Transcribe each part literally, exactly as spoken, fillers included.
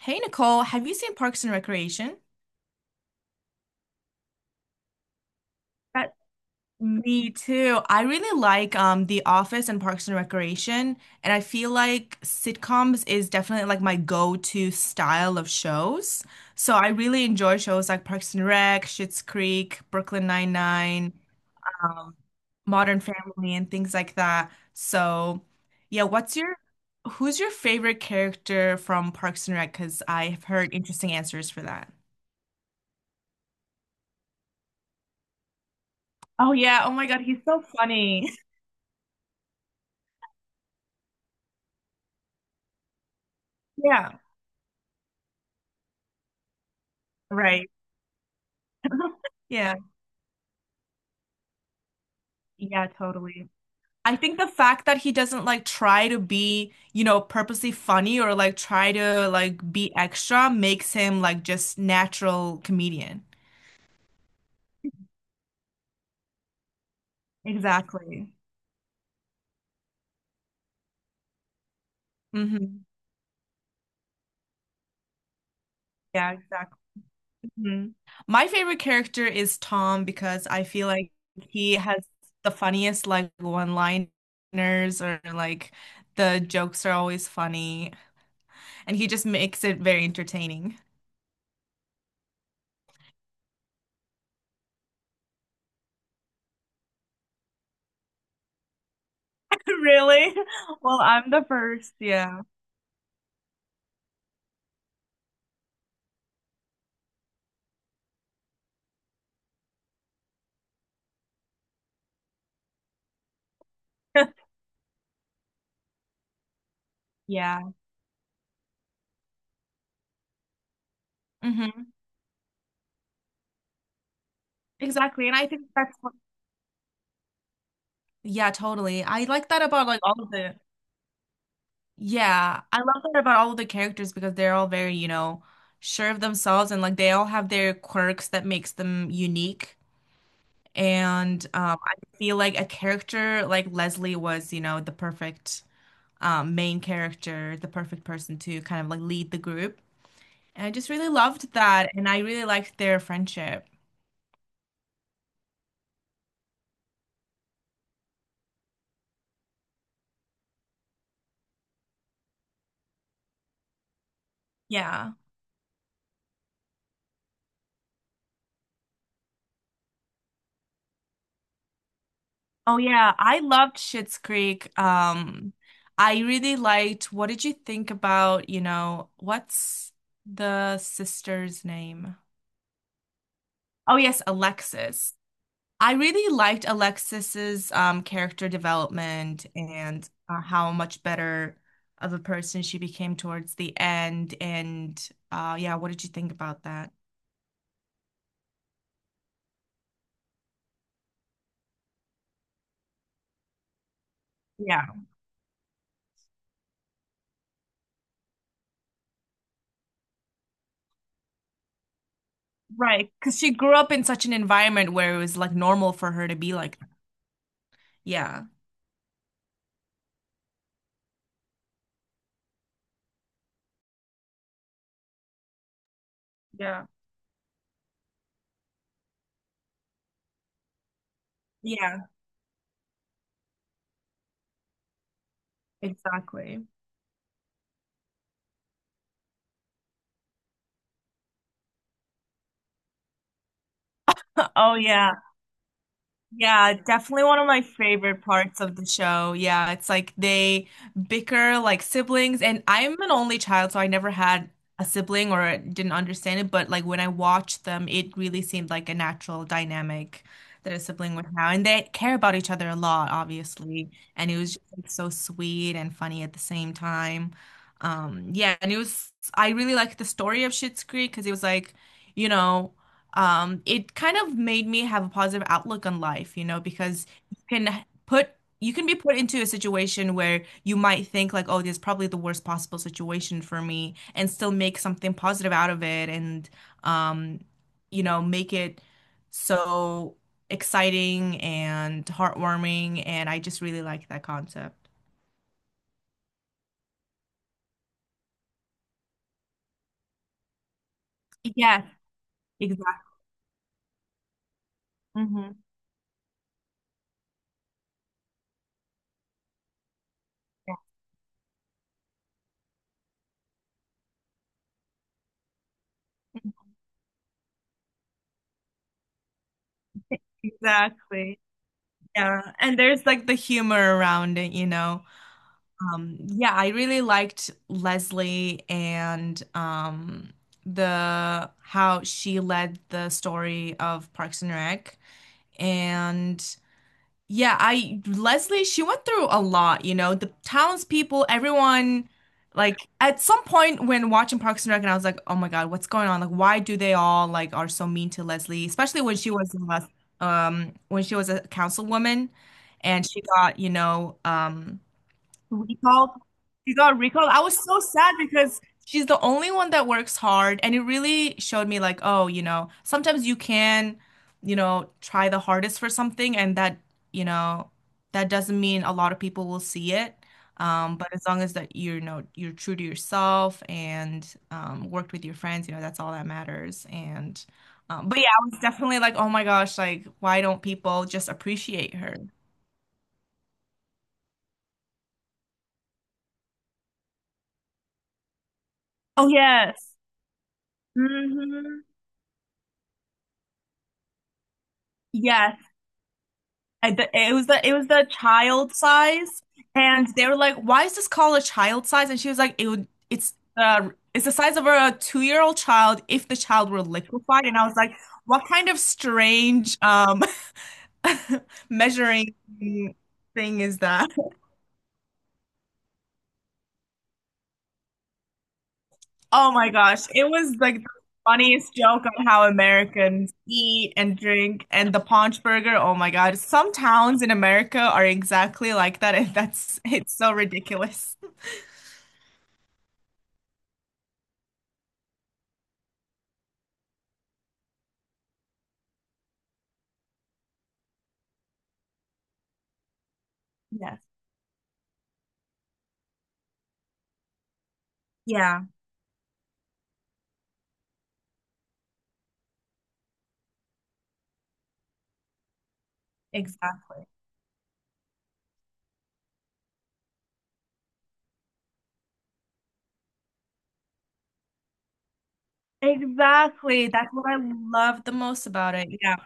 Hey Nicole, have you seen Parks and Recreation? That- Me too. I really like um The Office and Parks and Recreation, and I feel like sitcoms is definitely like my go-to style of shows. So I really enjoy shows like Parks and Rec, Schitt's Creek, Brooklyn Nine-Nine, um, Modern Family, and things like that. So yeah, what's your who's your favorite character from Parks and Rec? Because I've heard interesting answers for that. Oh yeah, oh my God, he's so funny. Yeah, right. Yeah, yeah, totally. I think the fact that he doesn't like try to be, you know, purposely funny or like try to like be extra makes him like just natural comedian. Exactly. Hmm. Yeah, exactly. Hmm. My favorite character is Tom because I feel like he has the funniest like one-liners or like the jokes are always funny and he just makes it very entertaining. Really? Well, I'm the first. Yeah. Yeah. Hmm. Exactly. And I think that's what, yeah, totally. I like that about like all of the, yeah, I love that about all of the characters because they're all very, you know, sure of themselves and like they all have their quirks that makes them unique. And um, I feel like a character like Leslie was, you know, the perfect um, main character, the perfect person to kind of like lead the group. And I just really loved that. And I really liked their friendship. Yeah. Oh yeah, I loved Schitt's Creek. Um, I really liked. What did you think about, you know, what's the sister's name? Oh yes, Alexis. I really liked Alexis's um character development and uh, how much better of a person she became towards the end. And uh yeah, what did you think about that? Yeah. Right, because she grew up in such an environment where it was like normal for her to be like, yeah. Yeah, yeah, exactly. Oh yeah. Yeah, definitely one of my favorite parts of the show. Yeah, it's like they bicker like siblings, and I'm an only child, so I never had a sibling or didn't understand it. But like when I watched them, it really seemed like a natural dynamic that a sibling would have, and they care about each other a lot, obviously. And it was just like, so sweet and funny at the same time. Um, yeah, and it was I really liked the story of Schitt's Creek because it was like you know um, it kind of made me have a positive outlook on life, you know, because you can put you can be put into a situation where you might think like, oh, this is probably the worst possible situation for me, and still make something positive out of it, and um, you know, make it so exciting and heartwarming, and I just really like that concept. Yes, exactly. Hmm. Yeah. Exactly. Yeah. And there's like the humor around it, you know. Um, yeah, I really liked Leslie and um, the how she led the story of Parks and Rec. And yeah, I Leslie, she went through a lot, you know, the townspeople, everyone, like at some point when watching Parks and Rec, and I was like, oh my God, what's going on? Like, why do they all like are so mean to Leslie, especially when she was uh, um when she was a councilwoman and she got, you know, um. Recall. She got recalled. I was so sad because she's the only one that works hard, and it really showed me like, oh, you know, sometimes you can, you know, try the hardest for something, and that, you know, that doesn't mean a lot of people will see it. Um, but as long as that you're, you know, you're true to yourself and um, worked with your friends, you know, that's all that matters. And um, but yeah, I was definitely like, oh my gosh, like, why don't people just appreciate her? Oh yes. Hmm. Yes. I, th- it was the it was the child size, and they were like, "Why is this called a child size?" And she was like, "It would it's uh it's the size of a two year old child if the child were liquefied." And I was like, "What kind of strange um measuring thing is that?" Oh my gosh, it was like the funniest joke on how Americans eat and drink and the paunch burger. Oh my God, some towns in America are exactly like that, and that's it's so ridiculous. Yeah. Yeah, exactly. Exactly. That's what I love the most about it. Yeah.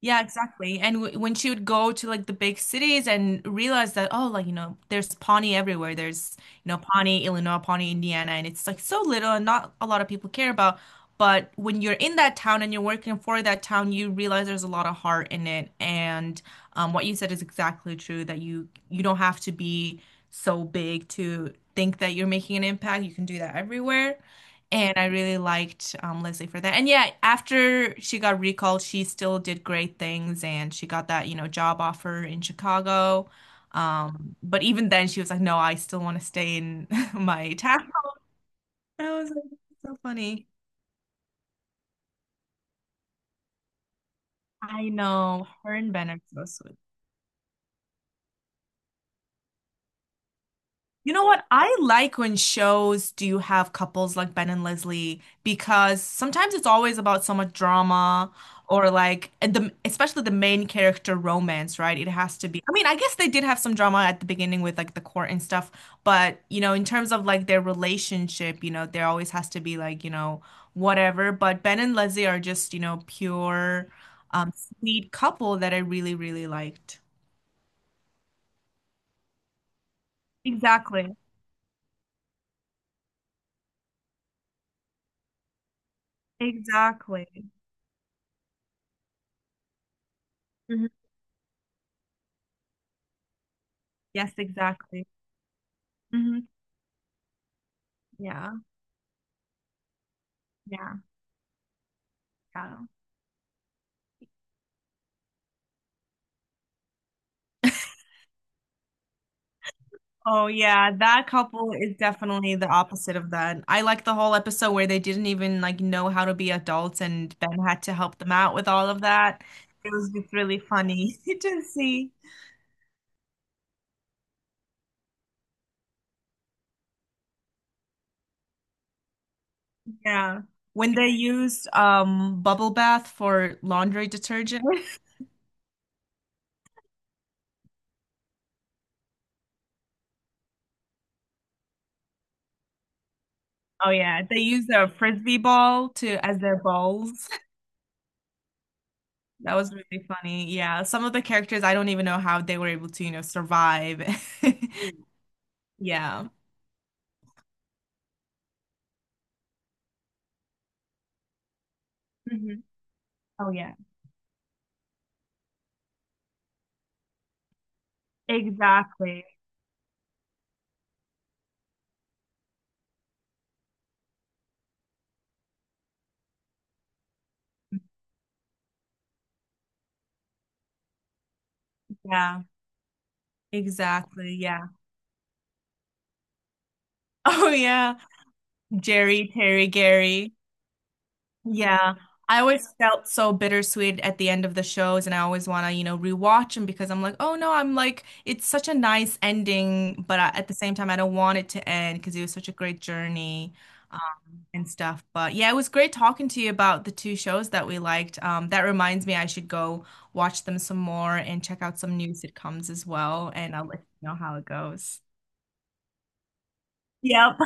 Yeah, exactly. And w when she would go to like the big cities and realize that, oh, like, you know, there's Pawnee everywhere. There's, you know, Pawnee, Illinois, Pawnee, Indiana. And it's like so little and not a lot of people care about. But when you're in that town and you're working for that town, you realize there's a lot of heart in it. And um, what you said is exactly true that you you don't have to be so big to think that you're making an impact. You can do that everywhere. And I really liked um, Leslie for that. And yeah, after she got recalled, she still did great things and she got that, you know, job offer in Chicago. Um, but even then she was like, no, I still want to stay in my town. I was like, so funny. I know. Her and Ben are so sweet. You know what? I like when shows do have couples like Ben and Leslie because sometimes it's always about so much drama or like and the especially the main character romance, right? It has to be. I mean, I guess they did have some drama at the beginning with like the court and stuff, but you know, in terms of like their relationship, you know, there always has to be like, you know, whatever. But Ben and Leslie are just, you know, pure, um, sweet couple that I really, really liked. Exactly. Exactly. Mhm. Yes, exactly. Hmm. Yeah, yeah, yeah. Oh yeah, that couple is definitely the opposite of that. I like the whole episode where they didn't even like know how to be adults and Ben had to help them out with all of that. It was just really funny to see. Yeah. When they used um bubble bath for laundry detergent. Oh yeah, they used a frisbee ball to as their balls. That was really funny. Yeah, some of the characters I don't even know how they were able to, you know, survive. Yeah. Mhm. Oh yeah. Exactly. Yeah. Exactly. Yeah. Oh yeah. Jerry, Terry, Gary. Yeah. I always felt so bittersweet at the end of the shows and I always want to, you know, rewatch them because I'm like, "Oh no, I'm like it's such a nice ending, but I, at the same time I don't want it to end because it was such a great journey." Um, and stuff. But yeah, it was great talking to you about the two shows that we liked. Um, that reminds me, I should go watch them some more and check out some new sitcoms as well. And I'll let you know how it goes. Yep.